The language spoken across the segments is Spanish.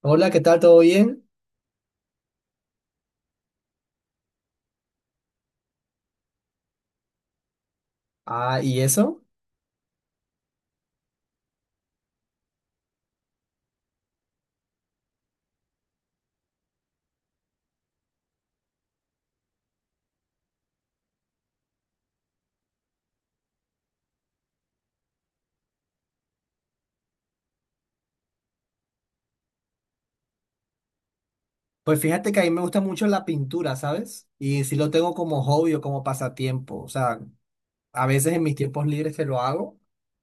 Hola, ¿qué tal? ¿Todo bien? Ah, ¿y eso? Pues fíjate que a mí me gusta mucho la pintura, ¿sabes? Y sí lo tengo como hobby o como pasatiempo. O sea, a veces en mis tiempos libres que lo hago,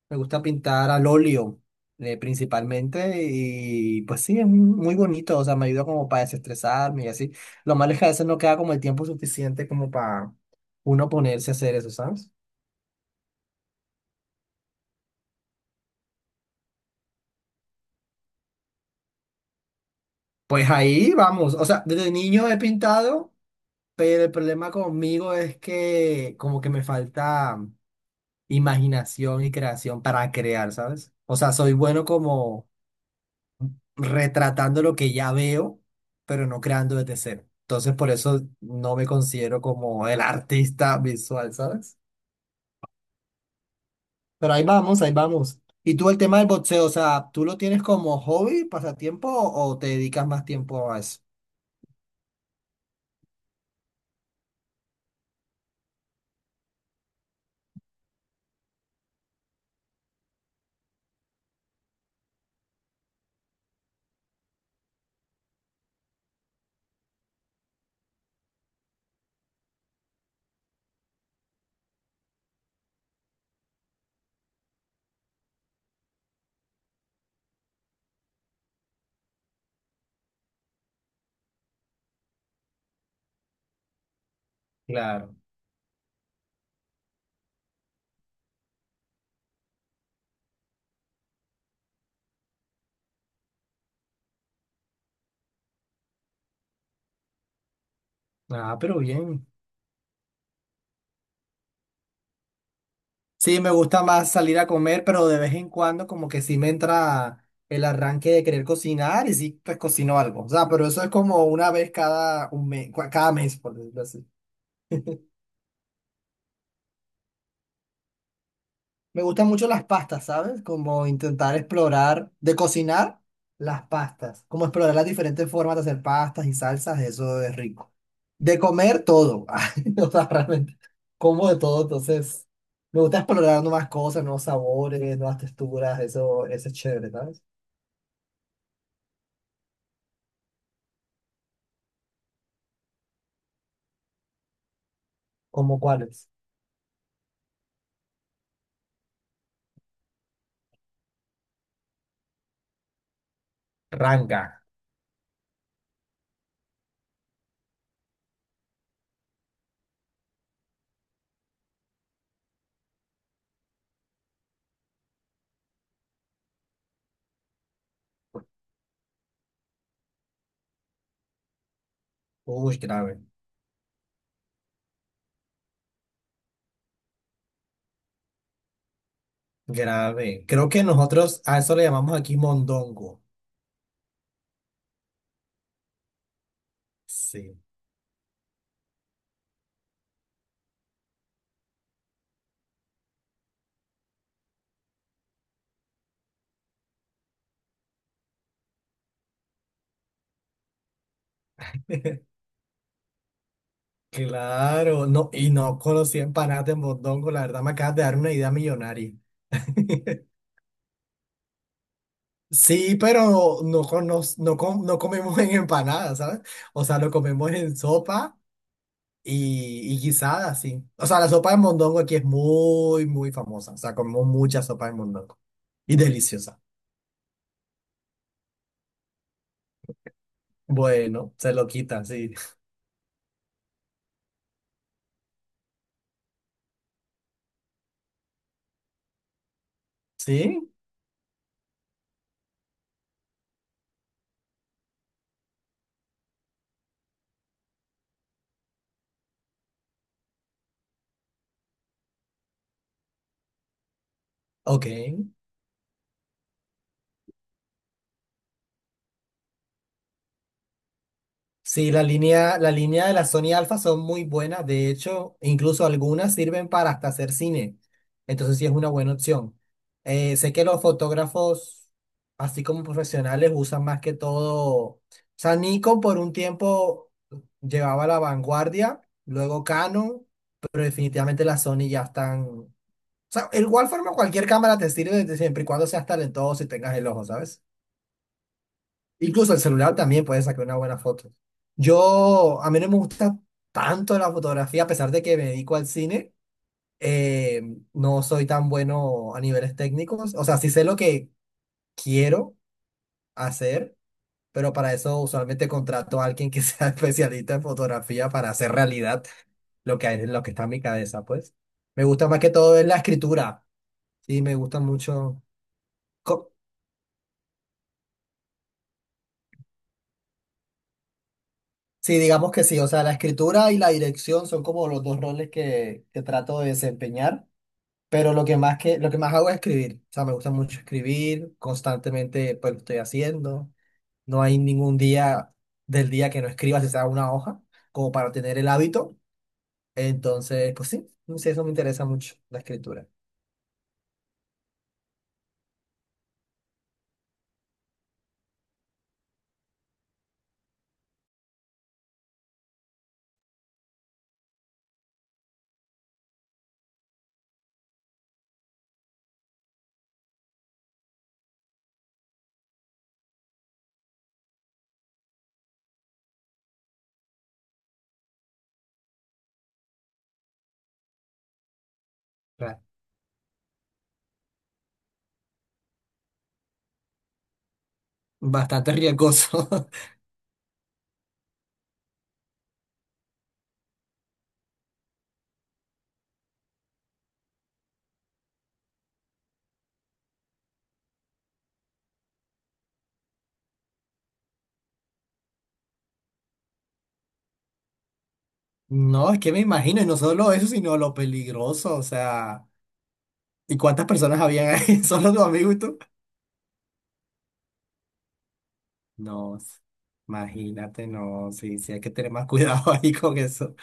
me gusta pintar al óleo, principalmente. Y pues sí, es muy bonito. O sea, me ayuda como para desestresarme y así. Lo malo es que a veces no queda como el tiempo suficiente como para uno ponerse a hacer eso, ¿sabes? Pues ahí vamos. O sea, desde niño he pintado. Pero el problema conmigo es que como que me falta imaginación y creación para crear, ¿sabes? O sea, soy bueno como retratando lo que ya veo, pero no creando desde cero. Entonces, por eso no me considero como el artista visual, ¿sabes? Pero ahí vamos, ahí vamos. ¿Y tú el tema del boxeo, o sea, tú lo tienes como hobby, pasatiempo o te dedicas más tiempo a eso? Claro. Ah, pero bien. Sí, me gusta más salir a comer, pero de vez en cuando como que sí me entra el arranque de querer cocinar y sí, pues cocino algo. O sea, pero eso es como una vez cada un mes, cada mes, por decirlo así. Me gustan mucho las pastas, ¿sabes? Como intentar explorar, de cocinar las pastas, como explorar las diferentes formas de hacer pastas y salsas, eso es rico. De comer todo, o sea, realmente como de todo, entonces me gusta explorar nuevas cosas, nuevos sabores, nuevas texturas, eso es chévere, ¿sabes? ¿Cómo cuáles? Ranga. Uy, grave, grave. Creo que nosotros a eso le llamamos aquí mondongo. Sí. Claro, no, y no conocí empanadas de mondongo, la verdad me acabas de dar una idea millonaria. Sí, pero no, no, no comemos en empanadas, ¿sabes? O sea, lo comemos en sopa y guisada, sí. O sea, la sopa de mondongo aquí es muy, muy famosa. O sea, comemos mucha sopa de mondongo. Y deliciosa. Bueno, se lo quitan, sí. ¿Sí? Ok. Sí, la línea de la Sony Alpha son muy buenas. De hecho, incluso algunas sirven para hasta hacer cine. Entonces sí es una buena opción. Sé que los fotógrafos, así como profesionales, usan más que todo. O sea, Nikon por un tiempo llevaba la vanguardia, luego Canon, pero definitivamente las Sony ya están. O sea, de igual forma cualquier cámara te sirve desde siempre y cuando seas talentoso y tengas el ojo, ¿sabes? Incluso el celular también puede sacar una buena foto. Yo, a mí no me gusta tanto la fotografía, a pesar de que me dedico al cine, eh, no soy tan bueno a niveles técnicos. O sea, sí sé lo que quiero hacer, pero para eso usualmente contrato a alguien que sea especialista en fotografía para hacer realidad lo que hay, lo que está en mi cabeza, pues. Me gusta más que todo es la escritura. Sí, me gusta mucho. Sí, digamos que sí, o sea, la escritura y la dirección son como los dos roles que trato de desempeñar, pero lo que más hago es escribir, o sea, me gusta mucho escribir, constantemente pues lo estoy haciendo, no hay ningún día del día que no escriba, si sea una hoja, como para tener el hábito, entonces, pues sí, no sé, eso me interesa mucho, la escritura. Claro. Bastante riesgoso. No, es que me imagino, y no solo eso, sino lo peligroso, o sea, ¿y cuántas personas habían ahí? ¿Solo tu amigo y tú? No, imagínate, no, sí, sí, hay que tener más cuidado ahí con eso.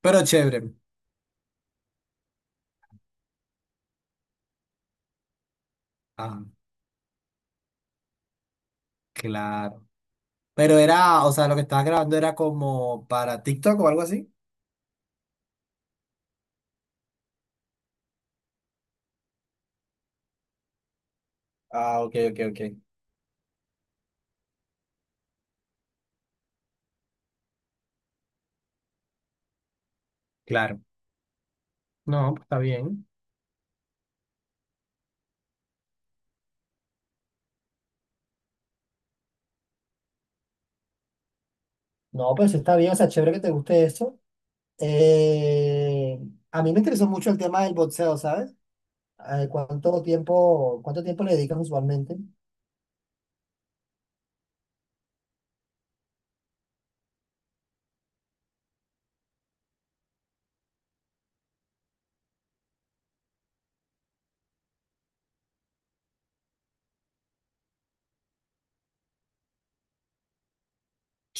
Pero chévere. Ah, claro. Pero era, o sea, lo que estabas grabando era como para TikTok o algo así. Ah, ok, ok, ok. Claro. No, pues está bien. No, pues está bien, o sea, chévere que te guste eso. Eh, a mí me interesó mucho el tema del boxeo, ¿sabes? ¿Cuánto tiempo le dedicas usualmente?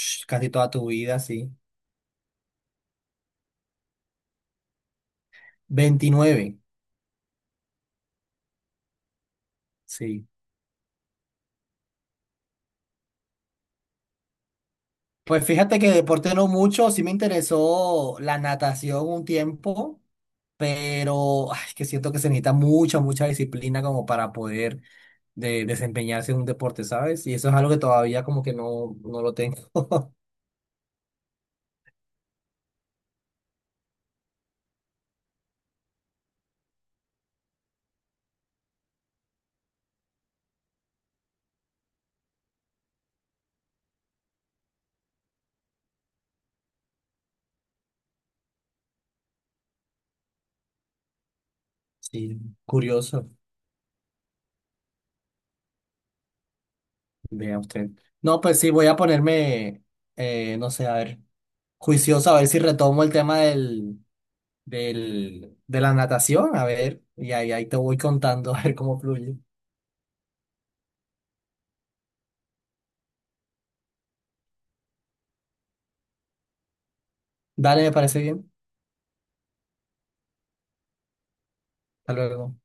Ch, casi toda tu vida, sí. 29. Sí. Pues fíjate que deporte no mucho, sí me interesó la natación un tiempo, pero ay, que siento que se necesita mucha, mucha disciplina como para poder desempeñarse en un deporte, ¿sabes? Y eso es algo que todavía como que no, no lo tengo. Sí, curioso, vea usted. No, pues sí, voy a ponerme, no sé, a ver, juicioso, a ver si retomo el tema de la natación, a ver, y ahí, ahí te voy contando, a ver cómo fluye. Dale, me parece bien. Hasta luego.